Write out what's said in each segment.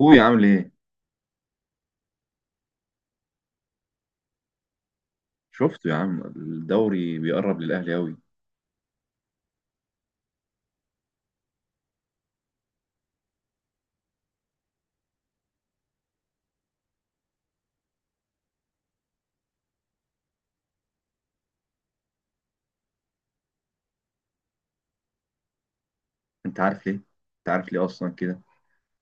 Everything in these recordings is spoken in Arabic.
هو عامل ايه؟ شفته يا عم، الدوري بيقرب للاهلي قوي. انت عارف ليه، انت عارف ليه اصلا كده؟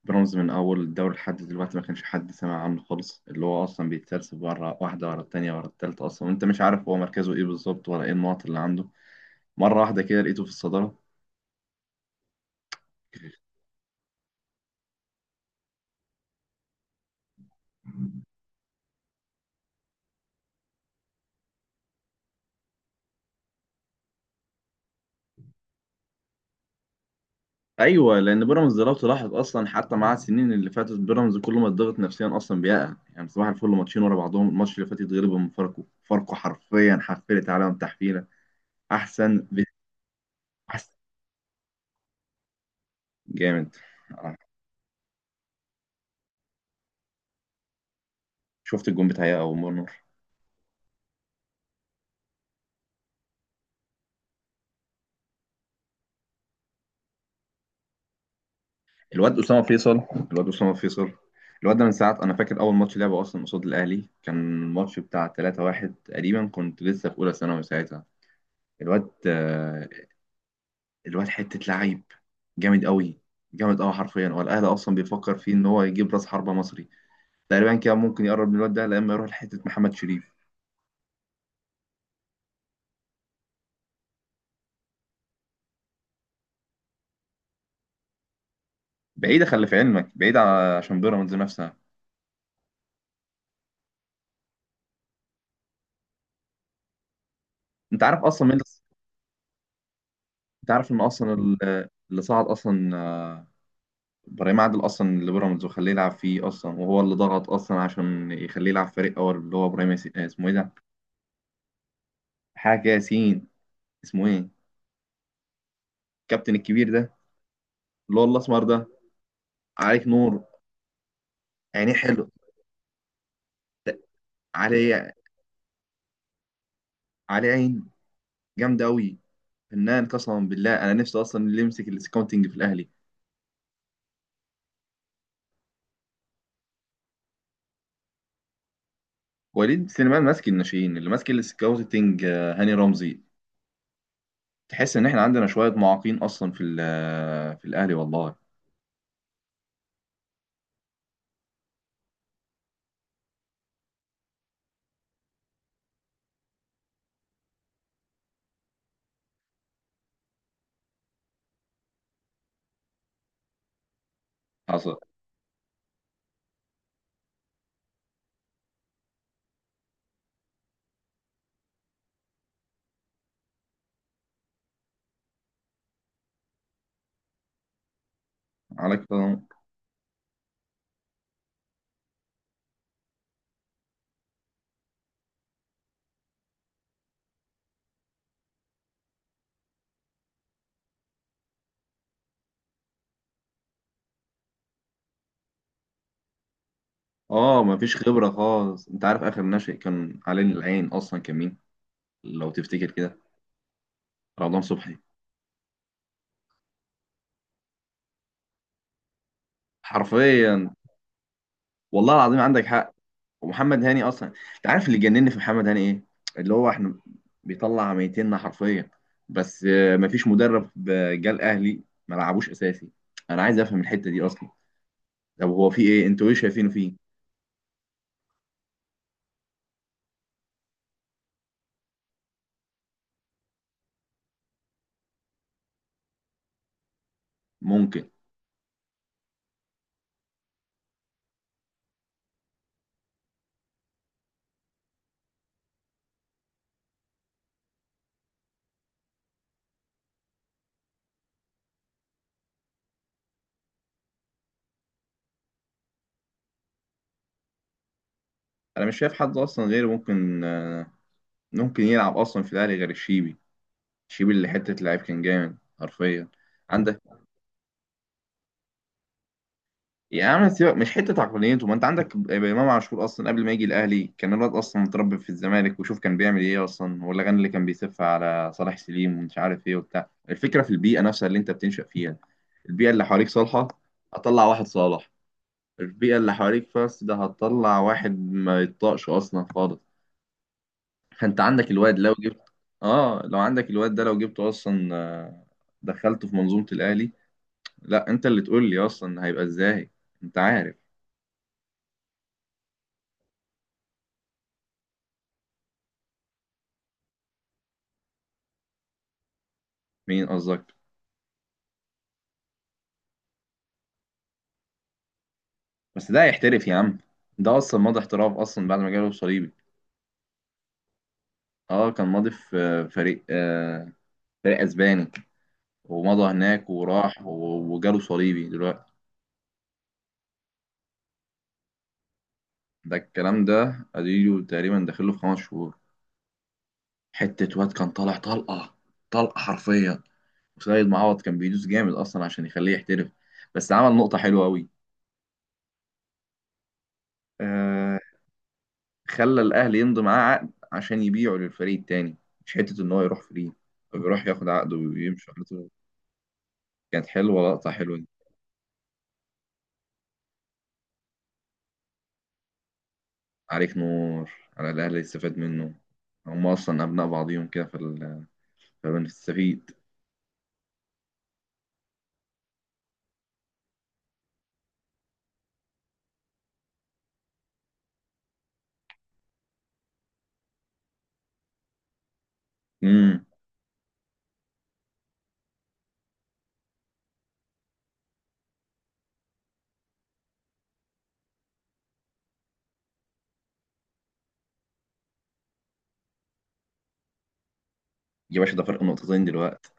بيراميدز من اول الدوري لحد دلوقتي ما كانش حد سمع عنه خالص، اللي هو اصلا بيتسلسل ورا واحده ورا التانيه ورا التالته اصلا، وانت مش عارف هو مركزه ايه بالظبط ولا ايه النقط اللي عنده. مره واحده كده لقيته في الصداره. ايوه، لان بيراميدز لو تلاحظ اصلا حتى مع السنين اللي فاتت، بيراميدز كل ما اتضغط نفسيا اصلا بيقع. يعني صباح الفل ماتشين ورا بعضهم، الماتش اللي فات يتغلب من فاركو. فاركو حرفيا حفلت عليهم تحفيله. احسن. جامد. آه. شفت الجون بتاعي او مرمر؟ الواد اسامه فيصل، الواد اسامه فيصل. الواد ده من ساعه، انا فاكر اول ماتش لعبه اصلا قصاد الاهلي، كان الماتش بتاع 3-1 تقريبا. كنت لسه في اولى ثانوي ساعتها. الواد الواد حته لعيب جامد قوي. جامد قوي حرفيا. هو الاهلي اصلا بيفكر فيه ان هو يجيب راس حربه مصري. تقريبا كده ممكن يقرب من الواد ده لما يروح لحته محمد شريف. بعيده، خلي في علمك بعيده، عشان بيراميدز نفسها. انت عارف اصلا مين؟ انت عارف ان اصلا اللي صعد اصلا، آه، ابراهيم عادل اصلا اللي بيراميدز وخليه يلعب فيه اصلا، وهو اللي ضغط اصلا عشان يخليه يلعب فريق اول، اللي هو ابراهيم ياسين. اسمه ايه ده؟ حاجه ياسين. اسمه ايه؟ الكابتن الكبير ده، اللي هو الاسمر ده. عليك نور. عينيه حلو. عليه. عليه عين جامده قوي. فنان قسما بالله. انا نفسي اصلا اللي يمسك السكاوتنج في الاهلي. وليد سليمان ماسك الناشئين، اللي ماسك السكاوتنج هاني رمزي. تحس ان احنا عندنا شويه معاقين اصلا في في الاهلي والله. حصل. عليك. اه مفيش خبرة خالص. انت عارف اخر ناشئ كان علينا العين اصلا كان مين؟ لو تفتكر كده. رمضان صبحي. حرفيا. والله العظيم عندك حق. ومحمد هاني اصلا، انت عارف اللي جنني في محمد هاني ايه؟ اللي هو احنا بيطلع ميتيننا حرفيا. بس مفيش مدرب. جه الاهلي ما لعبوش اساسي. انا عايز افهم الحتة دي اصلا. طب هو في ايه؟ انتوا ايه شايفينه فيه؟ ممكن. انا مش شايف حد اصلا غيره ممكن، ممكن يلعب اصلا في الاهلي غير الشيبي. شيب اللي حته لعيب كان جامد حرفيا. عندك. يا عم سيبك، مش حته عقلانيته. ما انت عندك امام عاشور اصلا قبل ما يجي الاهلي، كان الواد اصلا متربي في الزمالك وشوف كان بيعمل ايه اصلا، والاغاني اللي كان بيسف على صلاح سليم ومش عارف ايه وبتاع. الفكره في البيئه نفسها اللي انت بتنشأ فيها. البيئه اللي حواليك صالحه، هتطلع واحد صالح. البيئه اللي حواليك فاست ده، هتطلع واحد ما يطاقش اصلا خالص. فانت عندك الواد لو جبت. اه لو عندك الواد ده لو جبته اصلا، دخلته في منظومه الاهلي. لا انت اللي تقول لي اصلا هيبقى ازاي. انت عارف. مين قصدك؟ بس ده هيحترف يا عم. ده اصلا ماضي احتراف اصلا بعد ما جاله صليبي. اه كان ماضي في فريق، آه فريق اسباني، ومضى هناك وراح وجاله صليبي دلوقتي. ده الكلام ده اديله تقريبا داخله في خمس شهور. حتة واد كان طالع طلقة. طلقة حرفيا. وسيد معوض كان بيدوس جامد اصلا عشان يخليه يحترف. بس عمل نقطة حلوة قوي. خلى الاهلي يمضي معاه عقد عشان يبيعه للفريق التاني، مش حته ان هو يروح فري. طب يروح ياخد عقده ويمشي على طول. كانت حلوه، لقطه حلوه دي. عليك نور. على الاهلي يستفاد منه. هم اصلا ابناء بعضيهم كده في فبنستفيد. امم. يا باشا ده فرق نقطتين دلوقتي.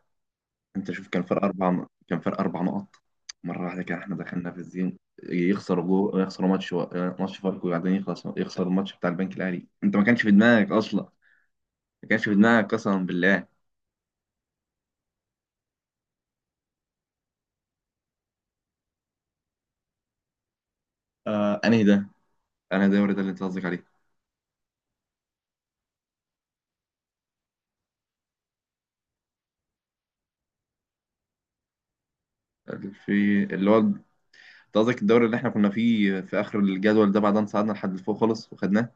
انت شوف كان فرق كان فرق اربع نقط. مره واحده كده احنا دخلنا في الزين. يخسروا جو، يخسروا ماتش و... ماتش فاركو، وبعدين يخلص يخسر الماتش بتاع البنك الاهلي. انت ما كانش في دماغك اصلا، ما كانش في دماغك قسما بالله. آه انهي ده؟ انا الدوري ده اللي انت قصدك عليه؟ في اللي هو، انت قصدك الدوري اللي احنا كنا فيه في اخر الجدول ده، بعد ما صعدنا لحد لفوق خالص وخدناه؟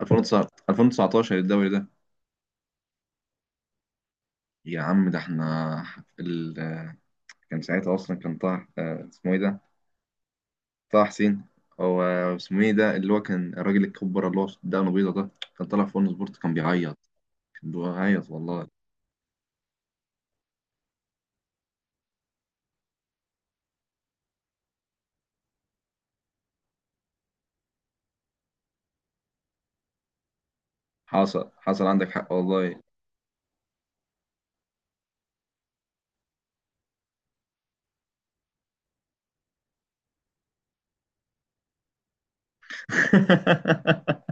2019. 2019 الدوري ده. يا عم ده احنا ال... كان ساعتها اصلا كان طه، اسمه ايه ده؟ طه حسين. هو اسمه ايه ده، اللي هو كان الراجل الكبره اللي هو دقنه بيضه ده؟ كان طالع في اون سبورت كان بيعيط. كان بيعيط والله. حصل، حصل عندك حق والله.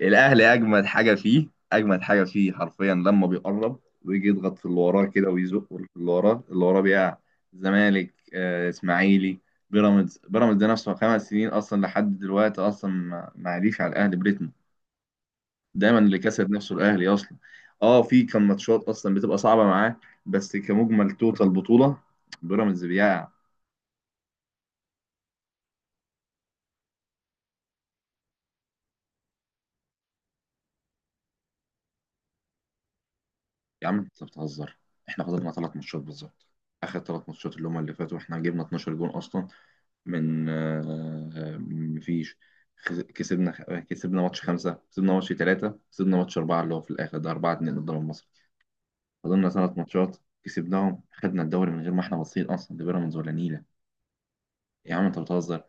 الاهلي اجمد حاجه فيه، اجمد حاجه فيه حرفيا، لما بيقرب ويجي يضغط في اللي وراه كده، ويزق في اللي وراه، اللي وراه بيقع. زمالك، اسماعيلي. بيراميدز، بيراميدز ده نفسه خمس سنين اصلا لحد دلوقتي اصلا ما ما عاديش على الاهلي بريتم. دايما اللي كسب نفسه الاهلي اصلا. اه في كان ماتشات اصلا بتبقى صعبه معاه، بس كمجمل توتال بطوله بيراميدز بيقع. يا عم انت بتهزر. احنا خسرنا ثلاث ماتشات بالظبط. اخر ثلاث ماتشات اللي هم اللي فاتوا، احنا جبنا 12 جون اصلا. من مفيش. كسبنا. كسبنا ماتش خمسة، كسبنا ماتش ثلاثة، كسبنا ماتش أربعة اللي هو في الآخر ده، أربعة اتنين قدام مصر. فضلنا ثلاث ماتشات، كسبناهم، خدنا الدوري من غير ما احنا باصين أصلا لبيراميدز ولا نيلة. يا عم أنت بتهزر.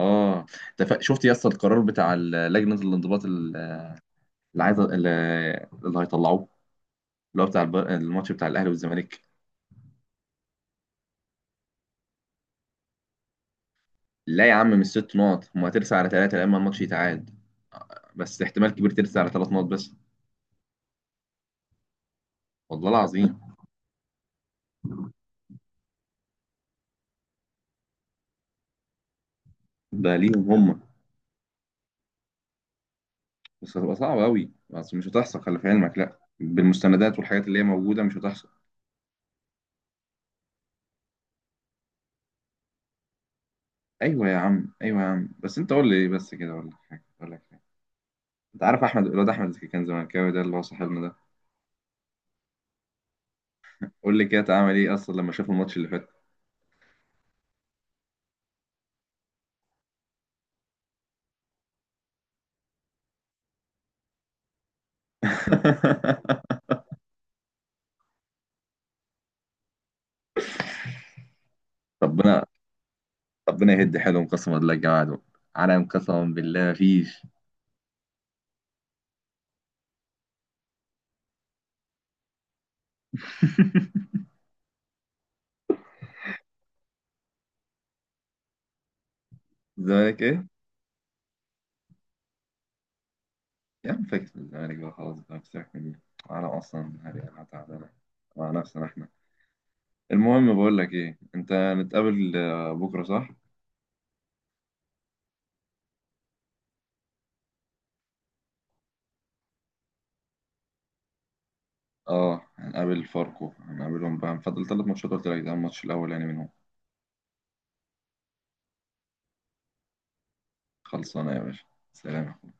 آه. ده شفت يا اسطى القرار بتاع لجنة الانضباط اللي عايزة، اللي، اللي هيطلعوه، اللي هو بتاع الماتش بتاع الأهلي والزمالك. لا يا عم مش ست نقط، هما هترسى على ثلاثة لما الماتش يتعاد. بس احتمال كبير ترسى على ثلاث نقط بس. والله العظيم. ده ليهم هم. بس هتبقى صعبة أوي، بس مش هتحصل. خلي في علمك، لأ بالمستندات والحاجات اللي هي موجودة مش هتحصل. أيوة يا عم، أيوة يا عم. بس أنت قول لي إيه بس كده. أقول لك حاجة، أقول لك حاجة. أنت عارف أحمد، الواد أحمد اللي كان زملكاوي ده، اللي هو صاحبنا ده. قول لي كده اتعمل إيه أصلا لما شاف الماتش اللي فات؟ ربنا، ربنا يهد حيلهم قسما بالله. يا جماعة دول عالم قسما بالله، مفيش. الزمالك إيه؟ يا عم فاكس من الزمالك بقى، خلاص بقى بسيبك مني. عالم أصلا هذه، أنا تعبانة مع نفسنا إحنا. المهم، بقول لك ايه، انت هنتقابل بكره صح؟ اه هنقابل فاركو، هنقابلهم بقى، هنفضل ثلاث ماتشات قلت لك، ده الماتش الاول يعني منهم. خلصانه يا باشا. سلام.